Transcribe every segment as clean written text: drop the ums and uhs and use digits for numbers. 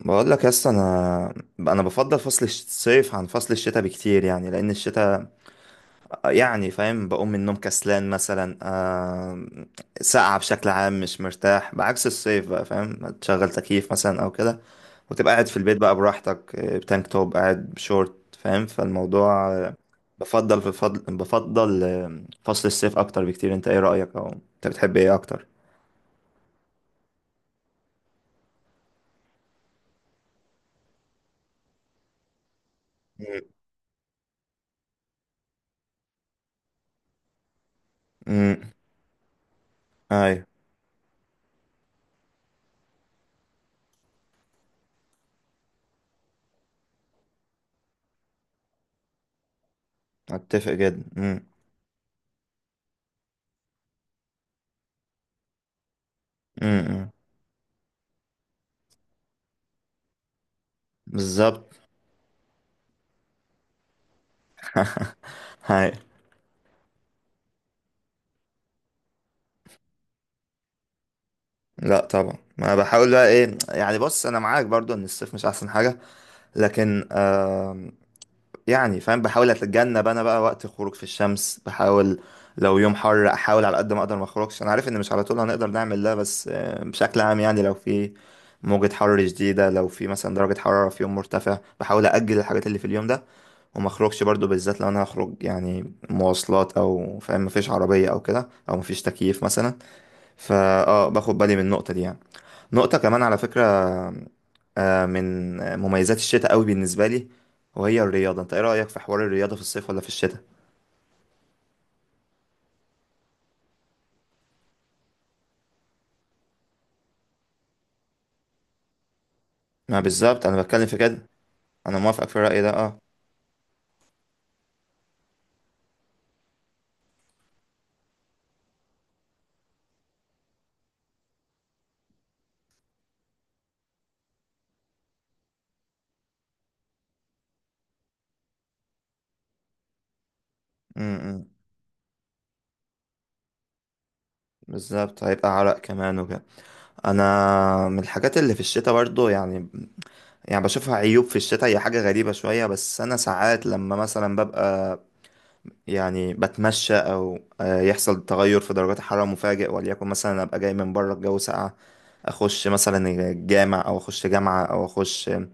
بقول لك يا اسطى انا بفضل فصل الصيف عن فصل الشتاء بكتير، يعني لان الشتاء يعني فاهم بقوم من النوم كسلان مثلا، ساقعة بشكل عام، مش مرتاح. بعكس الصيف بقى، فاهم، تشغل تكييف مثلا او كده وتبقى قاعد في البيت بقى براحتك، بتانك توب، قاعد بشورت، فاهم، فالموضوع بفضل في فضل بفضل آه، فصل الصيف اكتر بكتير. انت ايه رأيك؟ او انت بتحب ايه اكتر؟ امم. ايوه. اتفق جدا. امم. امم. بالظبط. هاي. لا طبعا، ما أنا بحاول بقى ايه يعني. بص، انا معاك برضو ان الصيف مش احسن حاجه، لكن يعني فاهم، بحاول اتجنب انا بقى وقت الخروج في الشمس، بحاول لو يوم حر احاول على قد ما اقدر ما اخرجش. انا عارف ان مش على طول هنقدر نعمل ده، بس بشكل عام يعني لو في موجة حر جديدة، لو في مثلا درجة حرارة في يوم مرتفع، بحاول أجل الحاجات اللي في اليوم ده وما اخرجش برضو، بالذات لو انا هخرج يعني مواصلات، او فاهم مفيش عربية او كده، او مفيش تكييف مثلا. فا اه، باخد بالي من النقطة دي يعني. نقطة كمان على فكرة، من مميزات الشتاء قوي بالنسبة لي، وهي الرياضة. انت ايه رأيك في حوار الرياضة في الصيف ولا في الشتاء؟ ما بالظبط انا بتكلم في كده. انا موافقك في الرأي ده، اه. امم. بالظبط، هيبقى عرق كمان وكده. انا من الحاجات اللي في الشتاء برضو يعني، يعني بشوفها عيوب في الشتاء، هي حاجة غريبة شوية، بس انا ساعات لما مثلا ببقى يعني بتمشى او يحصل تغير في درجات الحرارة مفاجئ، وليكن مثلا ابقى جاي من بره، الجو ساقع، اخش مثلا الجامع، او اخش جامعة، او اخش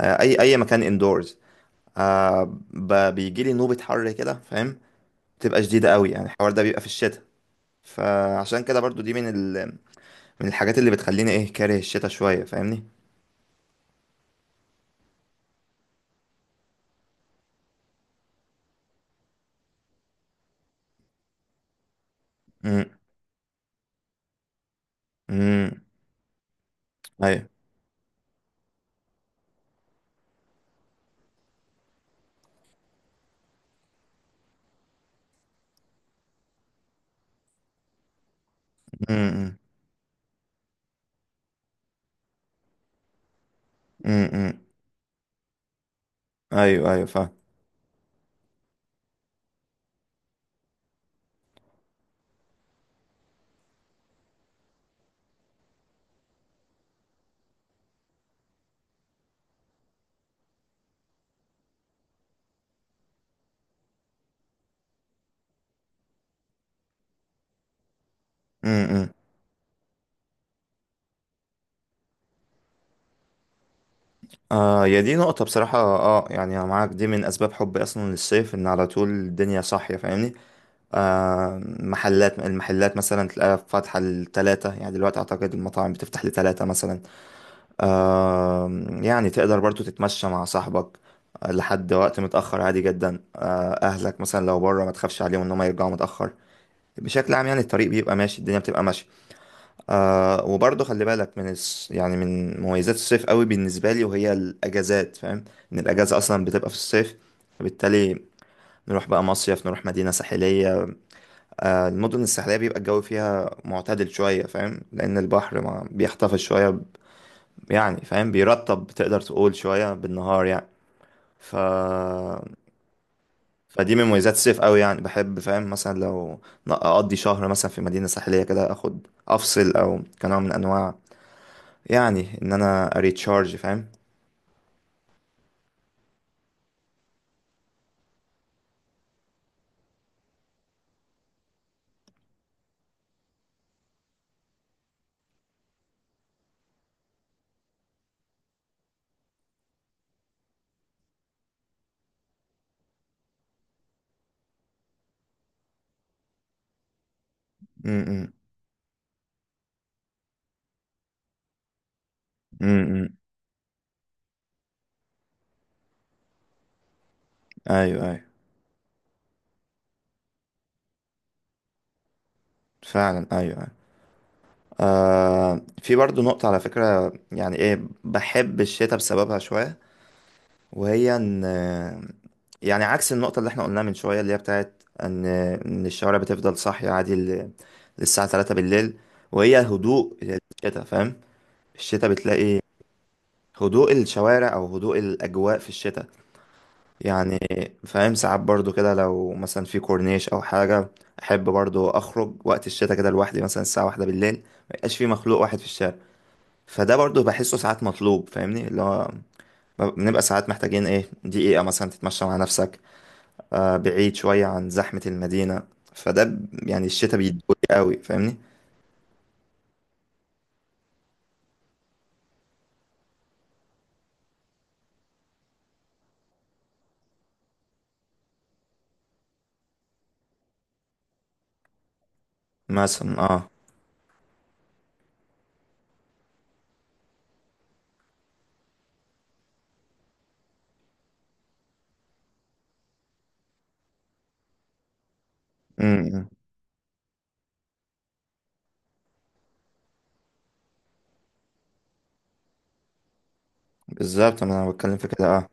اي اي مكان اندورز، بيجي لي نوبة حر كده، فاهم، بتبقى شديدة قوي يعني. الحوار ده بيبقى في الشتاء. فعشان كده برضو دي من من الحاجات اللي بتخليني ايه كاره الشتاء شوية، فاهمني. امم. امم. ايوه. امم. امم. ايوه، ايوه فاهم. امم. آه، يا دي نقطة بصراحة، اه، يعني انا معاك. دي من اسباب حبي اصلا للصيف، ان على طول الدنيا صاحية، فاهمني. آه، المحلات مثلا تلاقيها فاتحة ل3، يعني دلوقتي اعتقد المطاعم بتفتح ل3 مثلا. آه، يعني تقدر برضو تتمشى مع صاحبك لحد وقت متأخر عادي جدا. آه، اهلك مثلا لو بره ما تخافش عليهم ان هم يرجعوا متأخر. بشكل عام يعني الطريق بيبقى ماشي، الدنيا بتبقى ماشية. آه، وبرضه خلي بالك من يعني من مميزات الصيف قوي بالنسبة لي وهي الأجازات، فاهم. إن الأجازة أصلا بتبقى في الصيف، فبالتالي نروح بقى مصيف، نروح مدينة ساحلية. آه، المدن الساحلية بيبقى الجو فيها معتدل شوية، فاهم، لأن البحر ما بيحتفظ شوية يعني فاهم بيرطب تقدر تقول شوية بالنهار يعني. ف... فدي من مميزات الصيف قوي يعني. بحب فاهم مثلا لو أقضي شهر مثلا في مدينة ساحلية كده، أخد أفصل، أو كنوع من أنواع يعني ان انا اريتشارج، فاهم. امم. امم. ايوه ايوه. فعلا، ايوه ايوه. آه، في برضو نقطة على فكرة يعني ايه، بحب الشتاء بسببها شوية، وهي ان يعني عكس النقطة اللي احنا قلناها من شوية، اللي هي بتاعت ان الشوارع بتفضل صاحية عادي للساعة 3 بالليل، وهي هدوء الشتاء، فاهم. الشتاء بتلاقي هدوء الشوارع، او هدوء الاجواء في الشتاء يعني، فاهم. ساعات برضو كده لو مثلا في كورنيش او حاجه، احب برضو اخرج وقت الشتاء كده لوحدي، مثلا الساعه 1 بالليل ما يبقاش في مخلوق واحد في الشارع. فده برضو بحسه ساعات مطلوب، فاهمني، اللي هو بنبقى ساعات محتاجين ايه، دقيقه مثلا تتمشى مع نفسك، آه، بعيد شويه عن زحمه المدينه. فده يعني الشتاء بيدوي قوي، فاهمني. مثلا اه. امم. بالظبط انا بتكلم في كده، اه.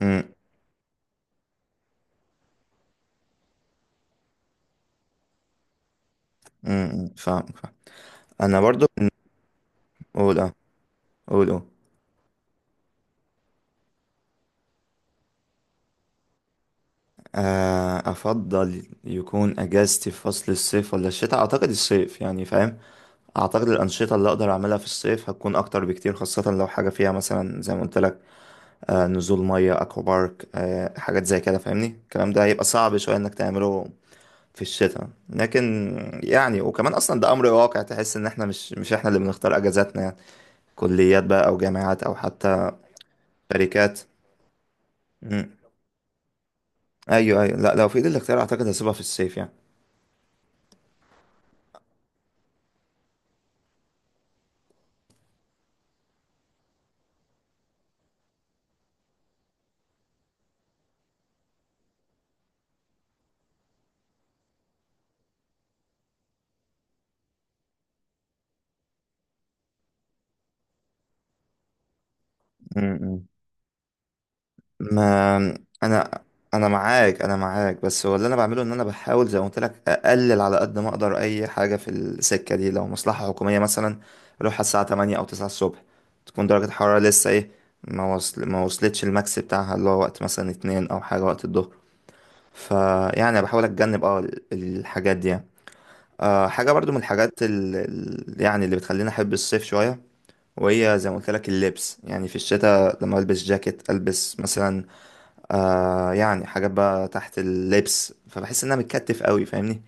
امم. امم. فاهم فاهم. انا برضو قول اه. قول، قول. آه، أفضل يكون أجازتي في فصل الصيف ولا الشتاء؟ أعتقد الصيف يعني، فاهم. أعتقد الأنشطة اللي أقدر أعملها في الصيف هتكون أكتر بكتير، خاصة لو حاجة فيها مثلا زي ما قلت لك، نزول مية، أكوا بارك، حاجات زي كده، فاهمني. الكلام ده هيبقى صعب شوية إنك تعمله في الشتاء. لكن يعني، وكمان أصلا ده أمر واقع، تحس إن إحنا مش إحنا اللي بنختار أجازاتنا يعني، كليات بقى، أو جامعات، أو حتى شركات. مم. أيوه أيوه. لا، لو في إيدي الاختيار أعتقد هسيبها في الصيف يعني. مم. ما انا، انا معاك بس هو اللي انا بعمله ان انا بحاول زي ما قلت لك اقلل على قد ما اقدر اي حاجه في السكه دي. لو مصلحه حكوميه مثلا اروح الساعه 8 او 9 الصبح، تكون درجه الحراره لسه ايه، ما وصلتش الماكس بتاعها، اللي هو وقت مثلا 2 او حاجه وقت الظهر. فيعني بحاول اتجنب اه الحاجات دي يعني. آه، حاجه برضو من الحاجات يعني اللي بتخليني احب الصيف شويه، وهي زي ما قلت لك اللبس يعني. في الشتاء لما البس جاكيت، البس مثلا آه يعني حاجات بقى تحت اللبس، فبحس ان انا متكتف قوي، فاهمني.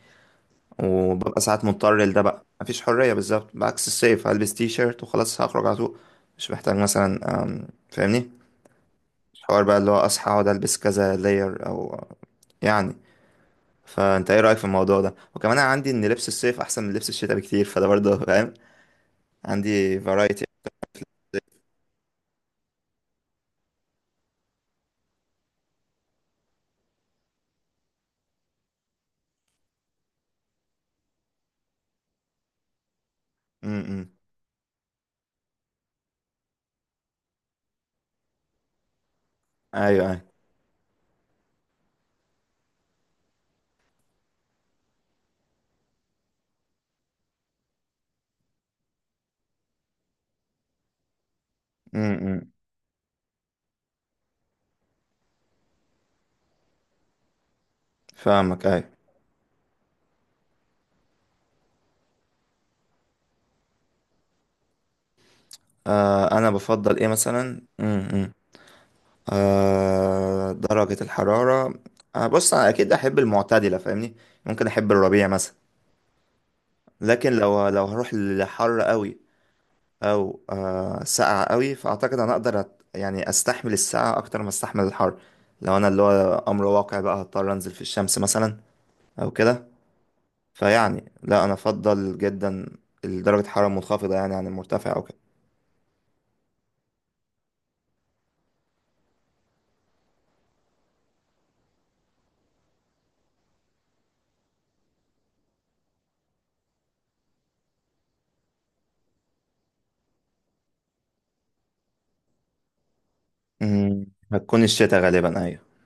وببقى ساعات مضطر لده بقى، مفيش حرية بالظبط. بعكس الصيف، هلبس تي شيرت وخلاص هخرج على طول. مش محتاج مثلا فاهمني، مش حوار بقى اللي هو اصحى اقعد البس كذا لاير او يعني. فانت ايه رأيك في الموضوع ده؟ وكمان انا عندي ان لبس الصيف احسن من لبس الشتاء بكتير، فده برضه فاهم، عندي فرايتي. امم. ايوه ايوه. امم. فاهمك، ايوه. آه انا بفضل ايه مثلا، امم، آه، درجة الحرارة. آه، بص أنا أكيد أحب المعتدلة، فاهمني. ممكن أحب الربيع مثلا. لكن لو لو هروح لحر قوي، أو ساقعة قوي، فأعتقد أنا أقدر يعني أستحمل الساقعة أكتر ما أستحمل الحر، لو أنا اللي هو أمر واقع بقى، هضطر أنزل في الشمس مثلا أو كده. فيعني لا، أنا أفضل جدا درجة الحرارة المنخفضة يعني عن المرتفع أو كده. أمم، هتكون الشتاء غالبا، أيوة.